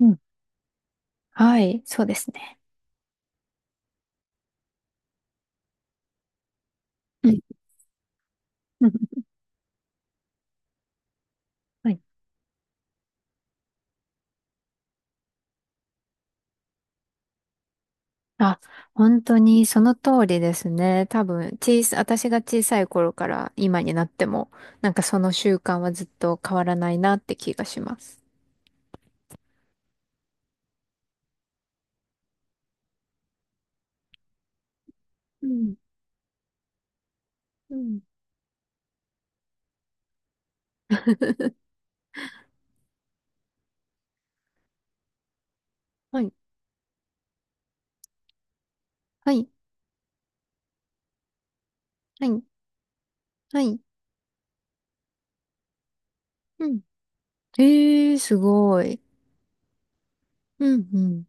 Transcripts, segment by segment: うん。はい。そうですね。うん。うんはい。あ、本当にその通りですね。多分、私が小さい頃から今になっても、なんかその習慣はずっと変わらないなって気がします。うん。うん。はい。はい、はい、はい。うん。ええー、すごい。うん、うん。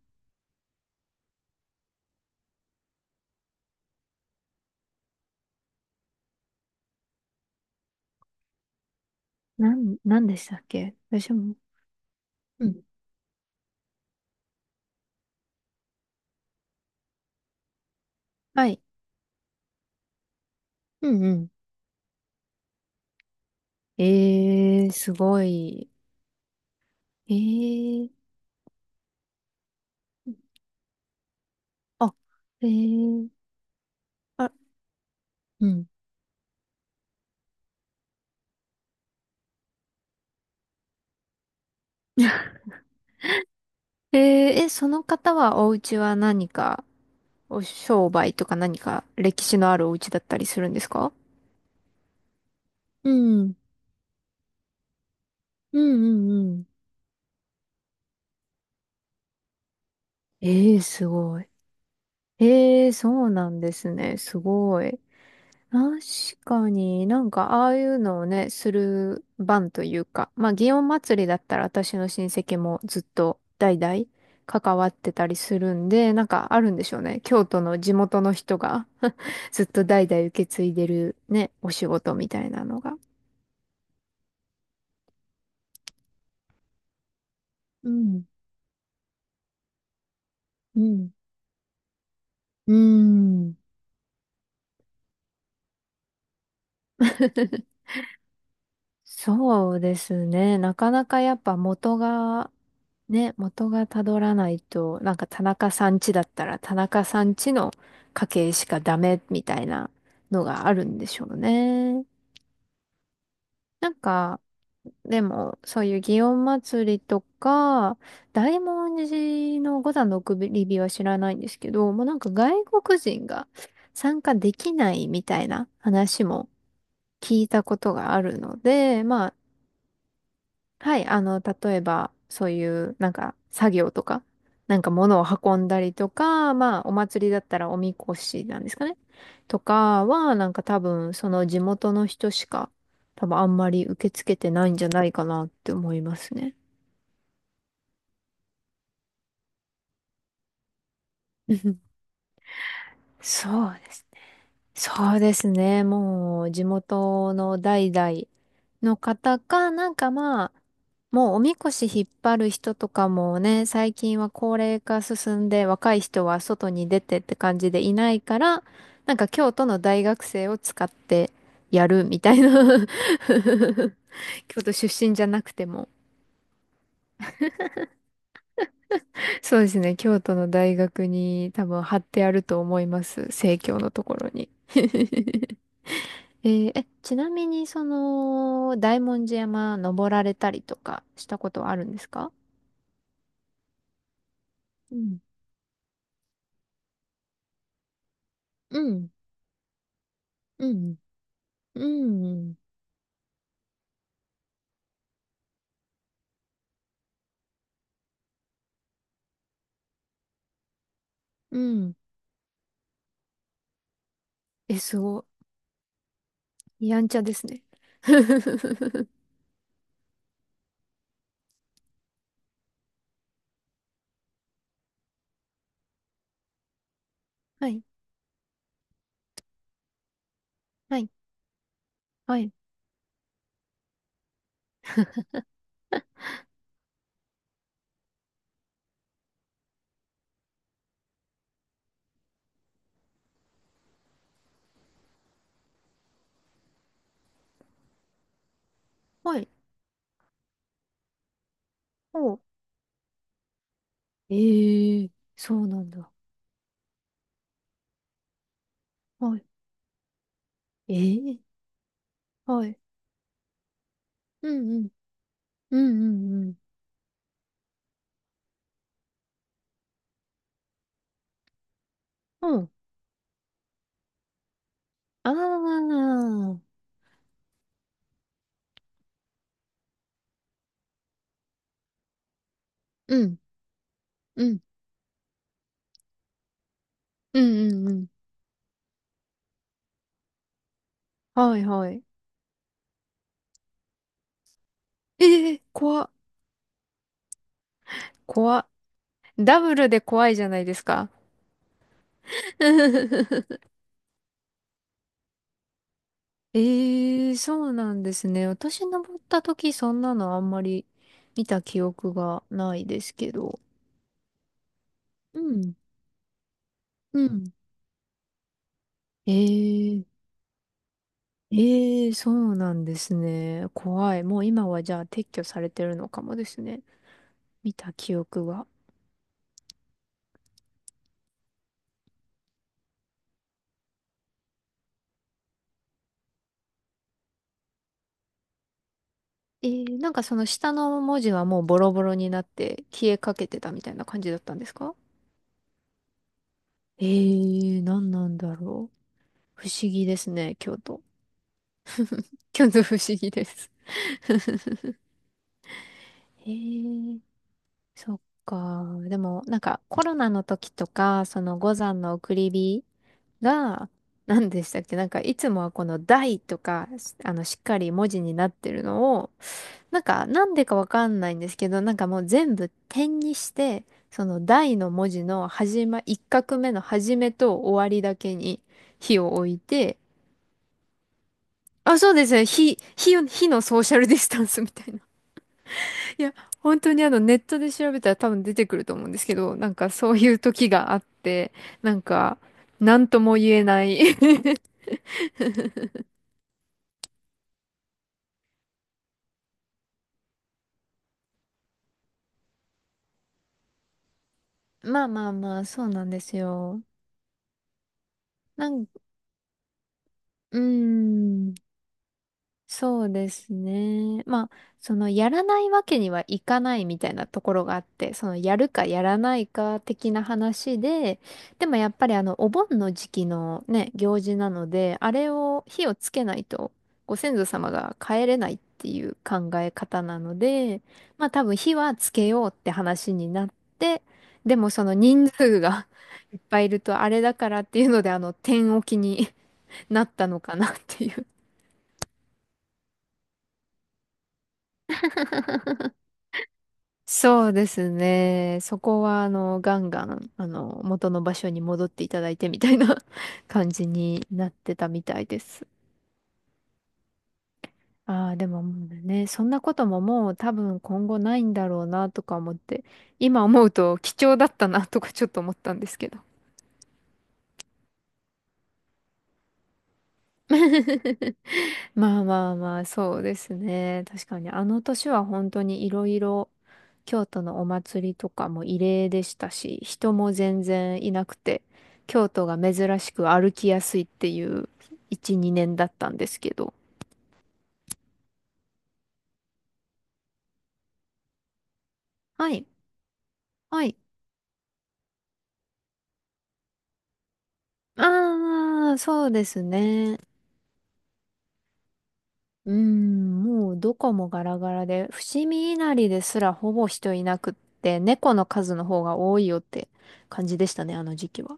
なんでしたっけ私も。うん。はい。うん、うん。ええー、すごい。ええー。あ、ええー、あ、うん。えーえ、その方はお家は何か、お商売とか何か歴史のあるお家だったりするんですか。うん。うんうんうん。えー、すごい。ええー、そうなんですね。すごい。確かになんかああいうのをね、する番というか、まあ祇園祭だったら私の親戚もずっと代々関わってたりするんで、なんかあるんでしょうね。京都の地元の人が ずっと代々受け継いでるね、お仕事みたいなのが。うん、うん、うーん。そうですね。なかなかやっぱ元が、ね、元がたどらないと、なんか田中さん家だったら田中さん家の家系しかダメみたいなのがあるんでしょうね。なんか、でも、そういう祇園祭りとか、大文字の五山の送り火は知らないんですけど、もうなんか外国人が参加できないみたいな話も聞いたことがあるので、まあはい、あの、例えば、そういう、なんか、作業とか、なんか物を運んだりとか、まあ、お祭りだったらおみこしなんですかね。とかは、なんか多分、その地元の人しか、多分あんまり受け付けてないんじゃないかなって思いますね。そうですね。そうですね。もう地元の代々の方か、なんかまあ、もうおみこし引っ張る人とかもね、最近は高齢化進んで若い人は外に出てって感じでいないから、なんか京都の大学生を使ってやるみたいな 京都出身じゃなくても。そうですね。京都の大学に多分貼ってあると思います。生協のところに。えーえ、ちなみに、その、大文字山登られたりとかしたことはあるんですか。うん、うん、うん、うん、うん。え、すごい。やんちゃですね。はい、はい、はい、はい。おう。えー、そうなんだ。はい。えー、はい。うん、うん、うん、うん、うん。うん。あー。うん、うん、うん、うん、うん。はい、はい。えー、怖っ。怖っ。ダブルで怖いじゃないですか。ええ、そうなんですね。私登った時そんなのあんまり見た記憶がないですけど。うん。うん。ええ、ええ、そうなんですね。怖い。もう今はじゃあ撤去されてるのかもですね。見た記憶が。えー、なんかその下の文字はもうボロボロになって消えかけてたみたいな感じだったんですか。ええ、なんなんだろう。不思議ですね、京都。日の不思議です。へえ、そっか。でも、なんかコロナの時とか、その五山の送り火が、何でしたっけ、なんかいつもはこの台とか、あの、しっかり文字になってるのを、なんかなんでかわかんないんですけど、なんかもう全部点にして、その台の文字の一画目の始めと終わりだけに火を置いて、あ、そうですね。火、火、火のソーシャルディスタンスみたいな。いや、本当にあのネットで調べたら多分出てくると思うんですけど、なんかそういう時があって、なんか、なんとも言えない。 まあまあまあ、そうなんですよ。なん、うーん。そうですね。まあ、そのやらないわけにはいかないみたいなところがあって、そのやるかやらないか的な話で、でもやっぱりあのお盆の時期のね、行事なので、あれを火をつけないとご先祖様が帰れないっていう考え方なので、まあ多分火はつけようって話になって、でもその人数が いっぱいいるとあれだからっていうので、あの、天置きに なったのかなっていう。そうですね。そこは、あの、ガンガン、あの、元の場所に戻っていただいてみたいな。 感じになってたみたいです。ああ、でももうね、そんなことももう多分今後ないんだろうなとか思って、今思うと貴重だったなとかちょっと思ったんですけど。まあまあまあ、そうですね。確かに、あの年は本当にいろいろ、京都のお祭りとかも異例でしたし、人も全然いなくて、京都が珍しく歩きやすいっていう1、2年だったんですけど。はい、はい。ああ、そうですね。うん、もうどこもガラガラで、伏見稲荷ですらほぼ人いなくって、猫の数の方が多いよって感じでしたね、あの時期は。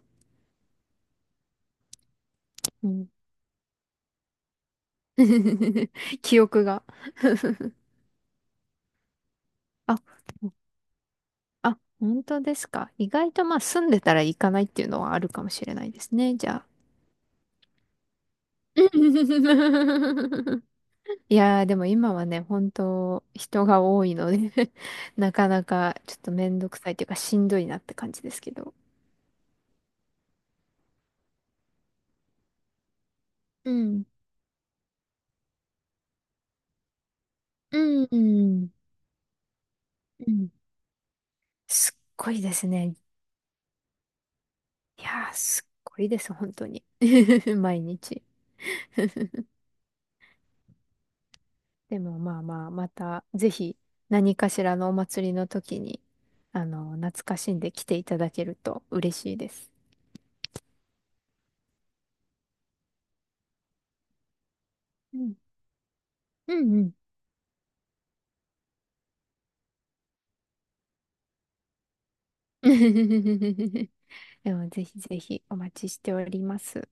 記憶が。あ、あ、本当ですか。意外とまあ住んでたら行かないっていうのはあるかもしれないですね。じゃあ。いやーでも今はね、本当人が多いので なかなかちょっとめんどくさいというかしんどいなって感じですけど。うん。うん。うん。すっごいですね。いやーすっごいです、本当に。毎日。でもまあまあ、またぜひ何かしらのお祭りの時に、あの、懐かしんで来ていただけると嬉しいです。うん。うんうん。でもぜひぜひお待ちしております。